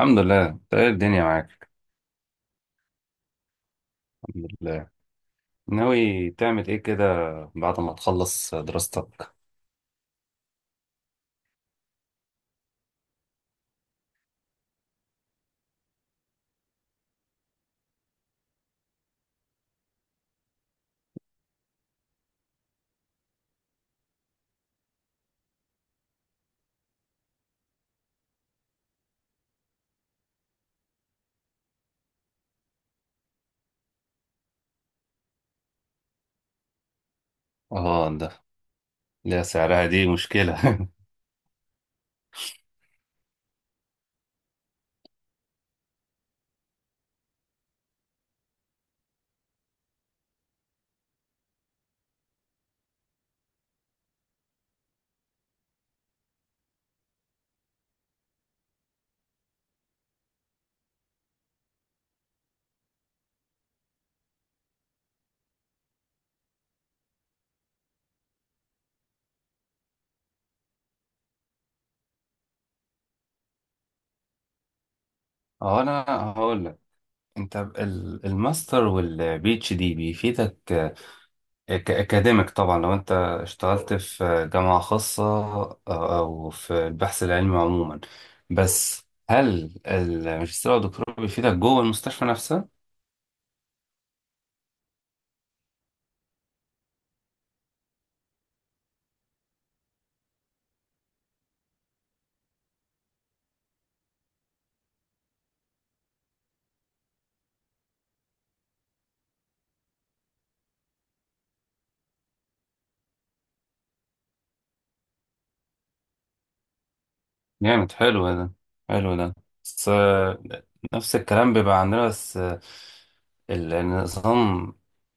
الحمد لله. انت ايه الدنيا معاك؟ الحمد لله. ناوي تعمل ايه كده بعد ما تخلص دراستك؟ اه ده، لا سعرها دي مشكلة. اه انا هقول لك. انت الماستر والبي اتش دي بيفيدك كاكاديميك طبعا، لو انت اشتغلت في جامعة خاصة او في البحث العلمي عموما. بس هل الماجستير او الدكتوراه بيفيدك جوه المستشفى نفسها؟ جامد، حلو ده، حلو ده. بس نفس الكلام بيبقى عندنا. بس النظام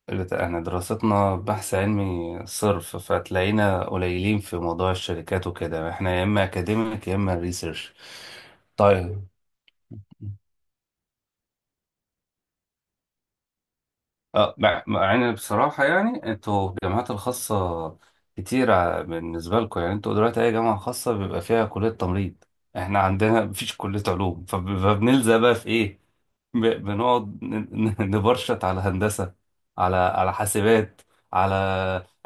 احنا دراستنا بحث علمي صرف، فتلاقينا قليلين في موضوع الشركات وكده. احنا يا اما اكاديميك يا اما ريسيرش. طيب. اه، مع ان بصراحة يعني انتوا الجامعات الخاصة كتيرة بالنسبة لكم. يعني انتوا دلوقتي اي جامعة خاصة بيبقى فيها كلية تمريض. احنا عندنا مفيش كلية علوم، فبنلزق بقى في ايه، بنقعد نبرشط على هندسة، على على حاسبات، على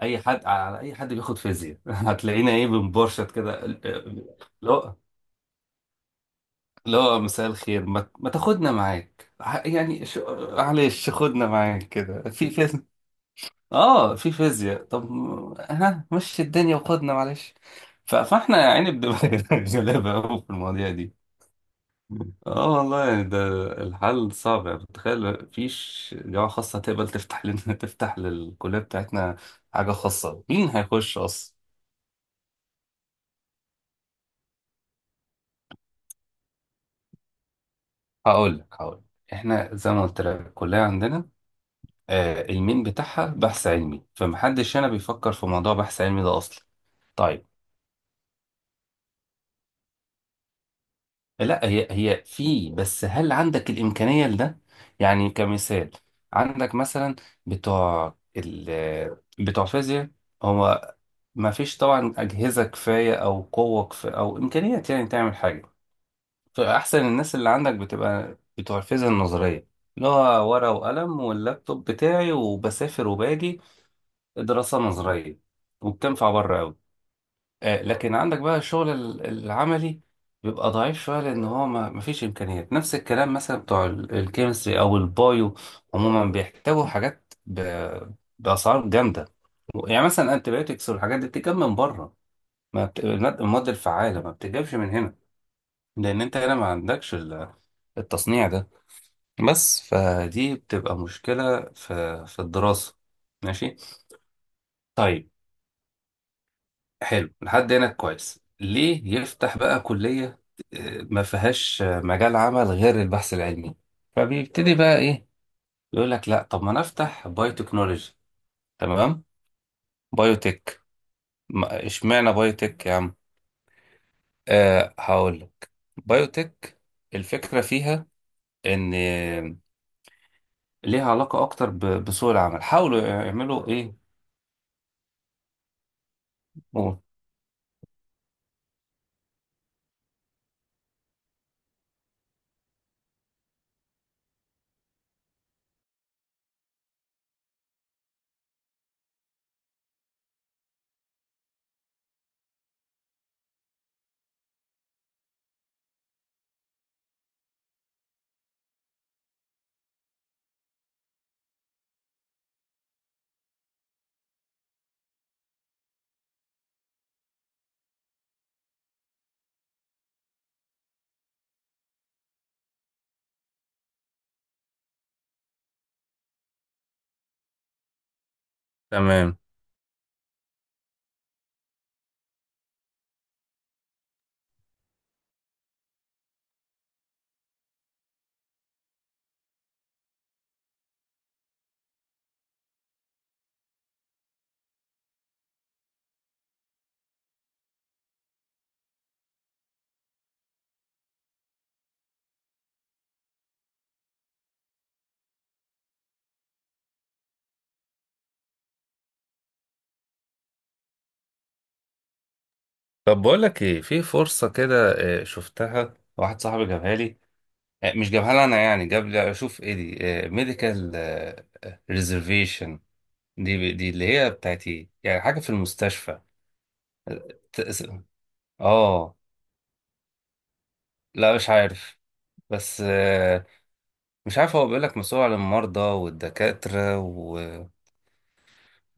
اي حد، على اي حد بياخد فيزياء. هتلاقينا ايه، بنبرشط كده. لا، لا مساء الخير، ما تاخدنا معاك، يعني معلش خدنا معاك كده في في اه في فيزياء طب، ها مشي الدنيا وخدنا معلش. فاحنا يا عيني بنبقى غلابة أوي في المواضيع دي. اه والله يعني ده الحل صعب. يعني بتخيل مفيش جامعة خاصة هتقبل تفتح لنا تفتح للكلية بتاعتنا حاجة خاصة. مين هيخش أصلا؟ هقول لك، هقول لك. احنا زي ما قلت لك، الكلية عندنا آه المين بتاعها بحث علمي، فمحدش هنا بيفكر في موضوع بحث علمي ده أصلا. طيب. لا هي هي في، بس هل عندك الإمكانية لده؟ يعني كمثال، عندك مثلا بتوع ال بتوع فيزياء، هو ما فيش طبعا أجهزة كفاية أو قوة كفاية أو إمكانيات يعني تعمل حاجة. فأحسن الناس اللي عندك بتبقى بتوع الفيزياء النظرية، اللي هو ورقة وقلم واللابتوب بتاعي وبسافر وباجي، دراسة نظرية، وبتنفع بره أوي. لكن عندك بقى الشغل العملي بيبقى ضعيف شوية، لأن هو ما فيش إمكانيات. نفس الكلام مثلا بتوع الكيمستري أو البايو عموما، بيحتاجوا حاجات بأسعار جامدة. يعني مثلا أنتيبيوتكس والحاجات دي بتجيب من بره. ما بت... الماد المواد الفعالة ما بتجيبش من هنا، لأن أنت هنا ما عندكش التصنيع ده. بس فدي بتبقى مشكلة في في الدراسة. ماشي، طيب. حلو، لحد هنا كويس. ليه يفتح بقى كلية ما فيهاش مجال عمل غير البحث العلمي؟ فبيبتدي بقى ايه، يقول لك لا طب ما انا افتح بايو تكنولوجي. تمام. بايوتك. ما- اشمعنى بايوتك يا عم؟ أه هقول لك. بايوتك الفكرة فيها ان ليها علاقة اكتر بسوق العمل، حاولوا يعملوا ايه. قول. تمام. طب بقول لك ايه، في فرصة كده شفتها، واحد صاحبي جابها لي، مش جابها لي انا يعني، جاب لي اشوف ايه دي، ميديكال ريزرفيشن. دي دي اللي هي بتاعت ايه يعني، حاجه في المستشفى. تأس- اه، لا مش عارف. بس مش عارف، هو بيقول لك مسؤول عن المرضى والدكاتره و-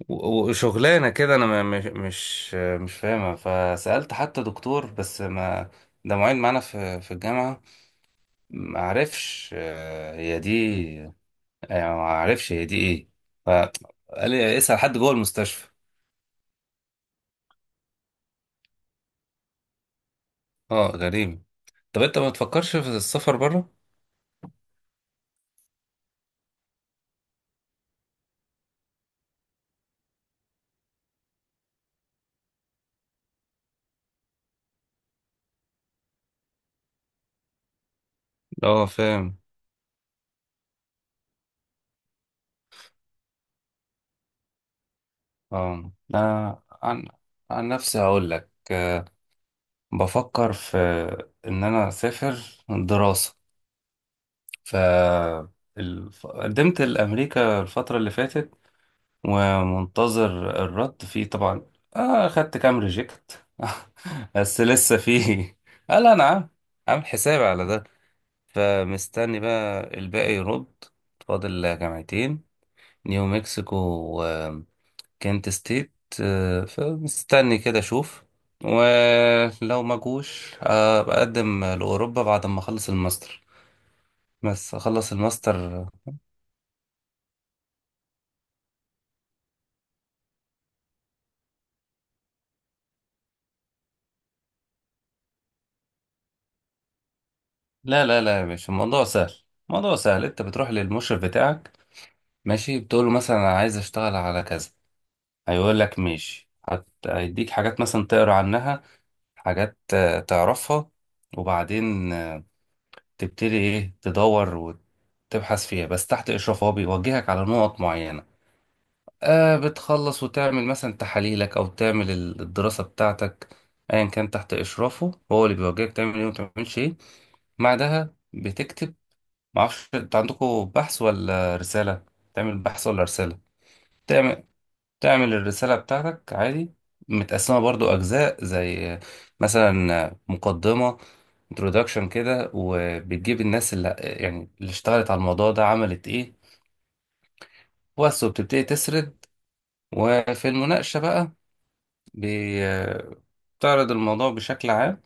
و- وشغلانه كده. انا مش مش فاهمها. فسالت حتى دكتور، بس ما، ده معيد معانا في في الجامعه، ما عرفش هي دي يعني، ما عرفش هي دي ايه. قال لي اسأل حد جوه المستشفى. اه غريب. طب انت ما تفكرش في السفر بره؟ اه فاهم. اه انا عن عن نفسي هقول لك بفكر في ان انا اسافر دراسة. ف قدمت لامريكا الفترة اللي فاتت، ومنتظر الرد فيه طبعا. آه خدت كام ريجكت. بس لسه فيه، قال انا عامل، عامل حسابي على ده، فمستني بقى الباقي يرد. فاضل جامعتين، نيو مكسيكو وكنت ستيت. فمستني كده اشوف، ولو ما جوش بقدم لأوروبا بعد ما اخلص الماستر. بس اخلص الماستر. لا لا لا يا باشا، الموضوع سهل، الموضوع سهل. انت بتروح للمشرف بتاعك، ماشي، بتقول له مثلا انا عايز اشتغل على كذا. هيقول لك ماشي، هيديك حاجات مثلا تقرا عنها، حاجات تعرفها. وبعدين تبتدي ايه تدور وتبحث فيها، بس تحت اشراف، هو بيوجهك على نقط معينه. آه بتخلص وتعمل مثلا تحاليلك، او تعمل الدراسه بتاعتك، ايا كان، تحت اشرافه هو اللي بيوجهك تعمل ايه وما تعملش ايه. بعدها بتكتب. معرفش انت عندكم بحث ولا رساله، تعمل بحث ولا رساله. تعمل، تعمل الرسالة بتاعتك عادي، متقسمة برضو أجزاء زي مثلا مقدمة، introduction كده، وبتجيب الناس اللي يعني اللي اشتغلت على الموضوع ده عملت ايه بس، وبتبتدي تسرد. وفي المناقشة بقى، بي- بتعرض الموضوع بشكل عام،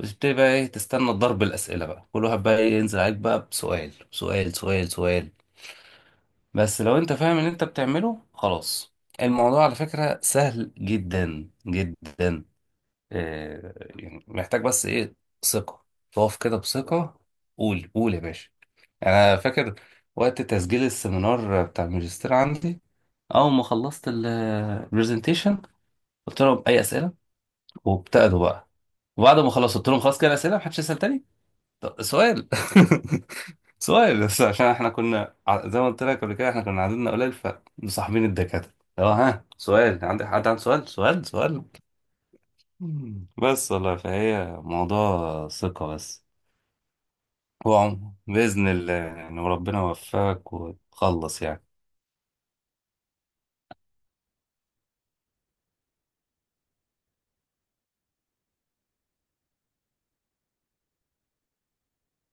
وتبتدي بقى ايه تستنى ضرب الأسئلة بقى، كل واحد بقى إيه ينزل عليك بقى بسؤال سؤال سؤال سؤال. بس لو انت فاهم اللي انت بتعمله خلاص، الموضوع على فكرة سهل جدا جدا. آه، يعني محتاج بس ايه، ثقة، تقف كده بثقة. قول قول يا باشا. انا فاكر وقت تسجيل السيمينار بتاع الماجستير عندي، اول ما خلصت البرزنتيشن قلت لهم اي اسئله، وابتدوا بقى. وبعد ما خلصت قلت لهم خلاص كده اسئله، محدش يسال تاني. طب سؤال. سؤال بس عشان احنا كنا زي ما قلت لك قبل كده، احنا كنا عددنا قليل فمصاحبين الدكاتره، لو ها سؤال، عندك حد عنده سؤال سؤال سؤال. بس والله فهي موضوع ثقة بس. وعم بإذن الله يعني، وربنا يوفقك وتخلص يعني.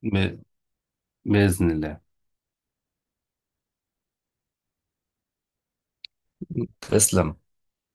ب... بإذن الله. تسلم.